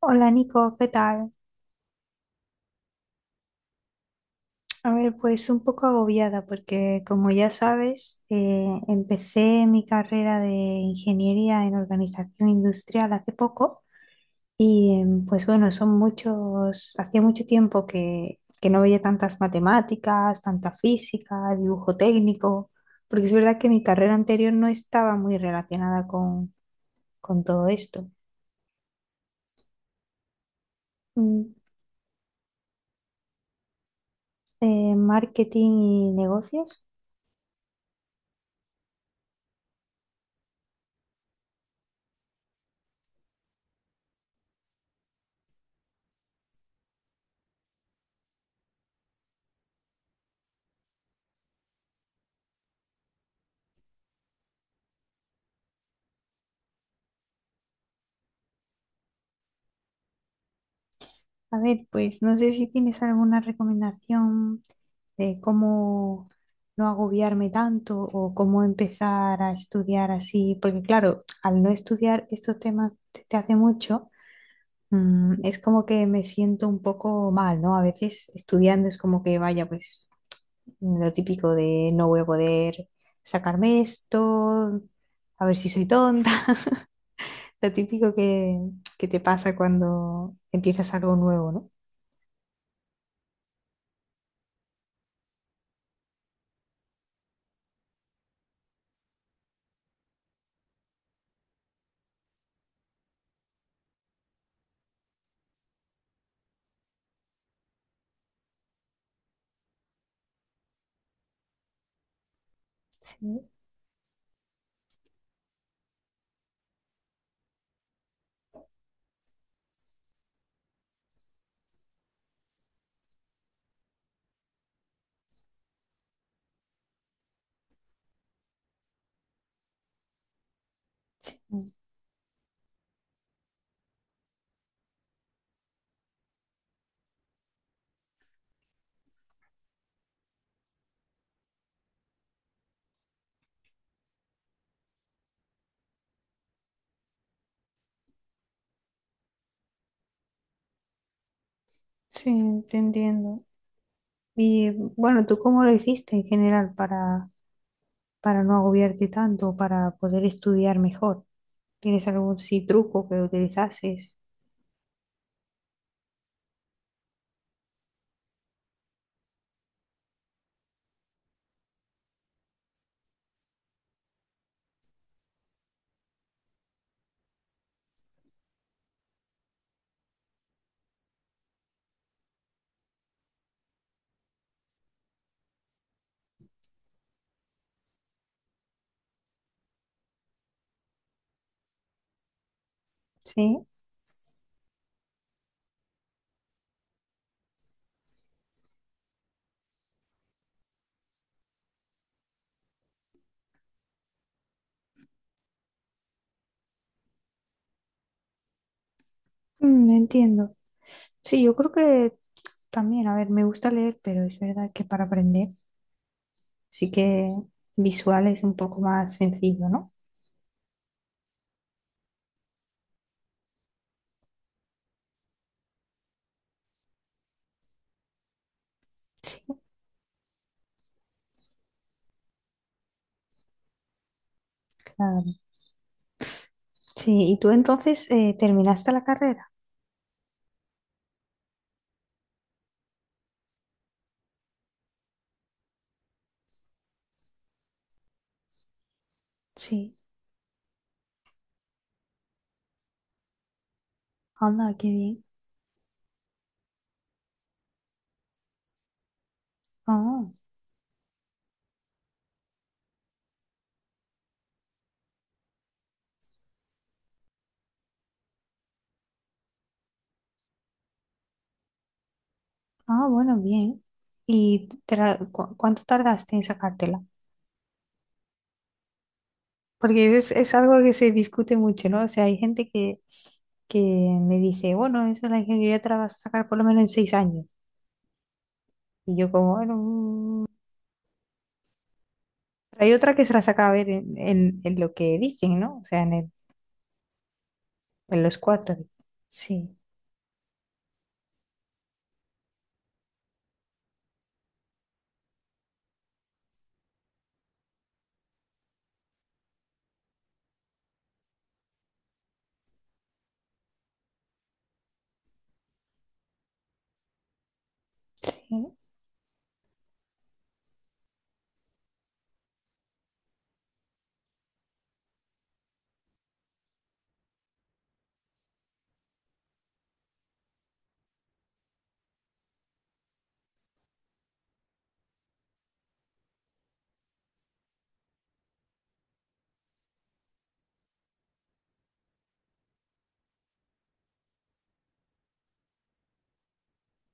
Hola Nico, ¿qué tal? A ver, pues un poco agobiada porque como ya sabes, empecé mi carrera de ingeniería en organización industrial hace poco y pues bueno, son muchos, hacía mucho tiempo que no veía tantas matemáticas, tanta física, dibujo técnico, porque es verdad que mi carrera anterior no estaba muy relacionada con todo esto. Mm, marketing y negocios. A ver, pues no sé si tienes alguna recomendación de cómo no agobiarme tanto o cómo empezar a estudiar así, porque claro, al no estudiar estos temas desde hace mucho, mm, es como que me siento un poco mal, ¿no? A veces estudiando es como que vaya, pues lo típico de no voy a poder sacarme esto, a ver si soy tonta. Lo que te pasa cuando empiezas algo nuevo, ¿no? Sí. Sí, te entiendo. Y bueno, ¿tú cómo lo hiciste en general para no agobiarte tanto, para poder estudiar mejor? ¿Tienes algún sí truco que utilizases? Sí. Mm, entiendo. Sí, yo creo que también, a ver, me gusta leer, pero es verdad que para aprender sí que visual es un poco más sencillo, ¿no? Sí, claro. Sí, ¿y tú entonces terminaste la carrera? Sí. Anda, qué bien. Ah. Ah, bueno, bien. ¿Y cuánto tardaste en sacártela? Porque es algo que se discute mucho, ¿no? O sea, hay que me dice, bueno, eso es la ingeniería, te la vas a sacar por lo menos en 6 años. Y yo como, bueno, mm. Pero hay otra que se la saca a ver en lo que dicen, ¿no? O sea, en los 4. Sí, sí.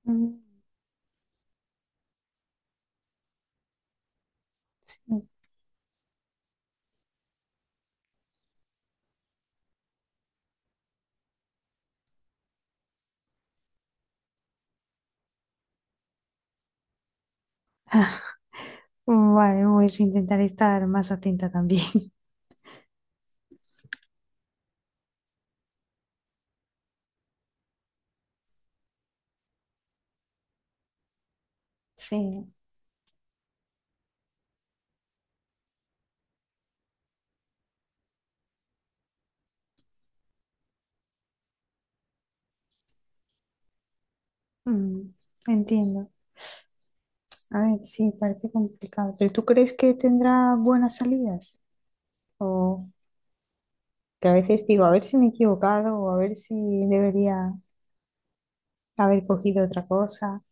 Mm, sí. Vale, voy a intentar estar más atenta también. Sí, mm, entiendo. A ver, sí, parece complicado. ¿Pero tú crees que tendrá buenas salidas? O que a veces digo, a ver si me he equivocado o a ver si debería haber cogido otra cosa.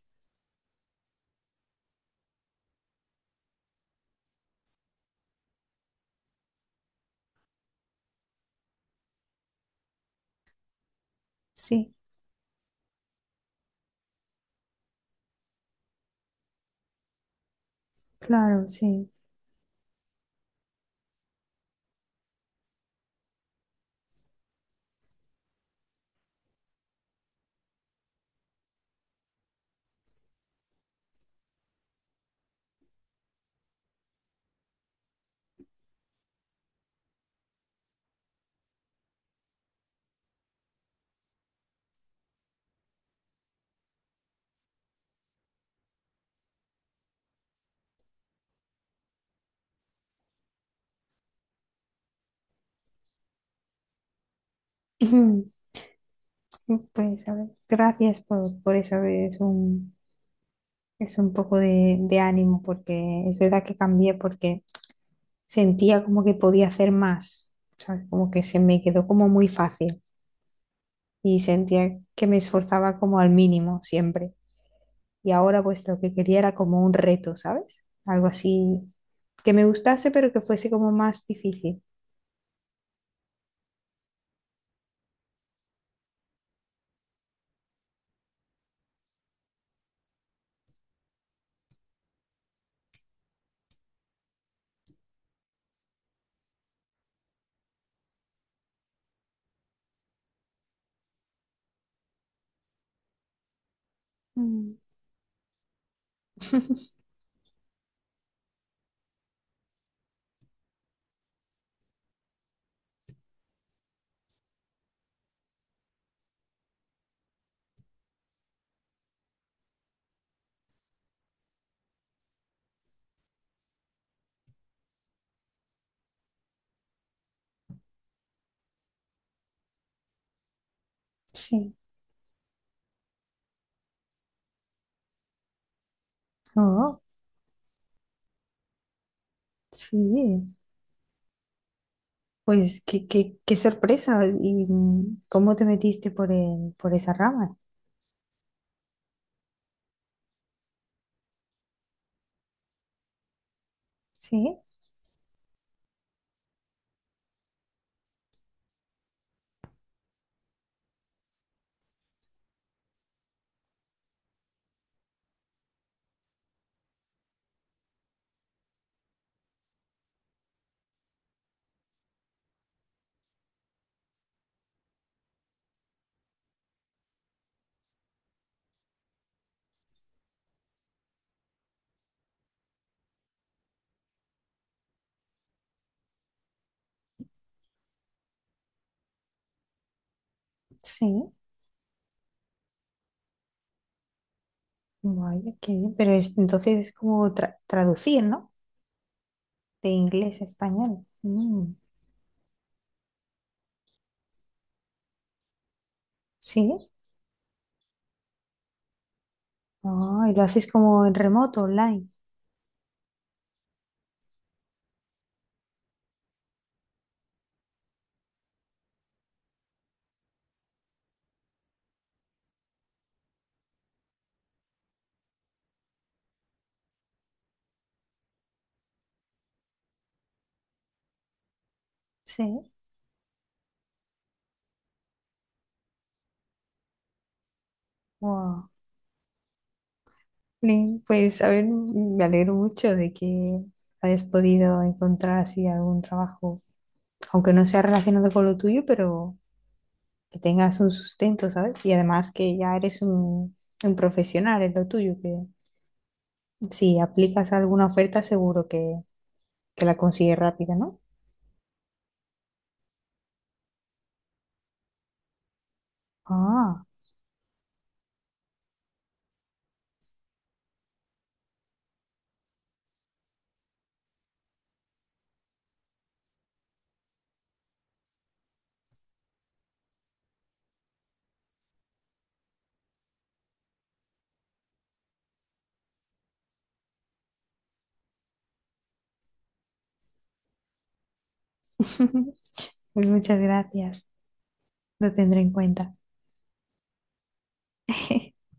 Sí, claro, sí. Pues a ver, gracias por eso. A ver, es es un poco de ánimo porque es verdad que cambié porque sentía como que podía hacer más. ¿Sabes? Como que se me quedó como muy fácil y sentía que me esforzaba como al mínimo siempre. Y ahora pues lo que quería era como un reto, ¿sabes? Algo así que me gustase, pero que fuese como más difícil. Mm. Sí. Oh, sí. Pues qué sorpresa. ¿Y cómo te metiste por por esa rama? Sí, sí. Vaya, qué bien. Pero entonces es como traducir, ¿no? De inglés a español. Mm. Sí. Ah, ¿y lo haces como en remoto, online? Sí. Guau. Bien, pues, a ver, me alegro mucho de que hayas podido encontrar así algún trabajo, aunque no sea relacionado con lo tuyo, pero que tengas un sustento, ¿sabes? Y además que ya eres un profesional en lo tuyo, que si aplicas a alguna oferta seguro que la consigues rápida, ¿no? Ah, pues muchas gracias, lo tendré en cuenta.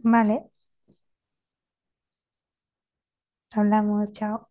Vale, hablamos, chao.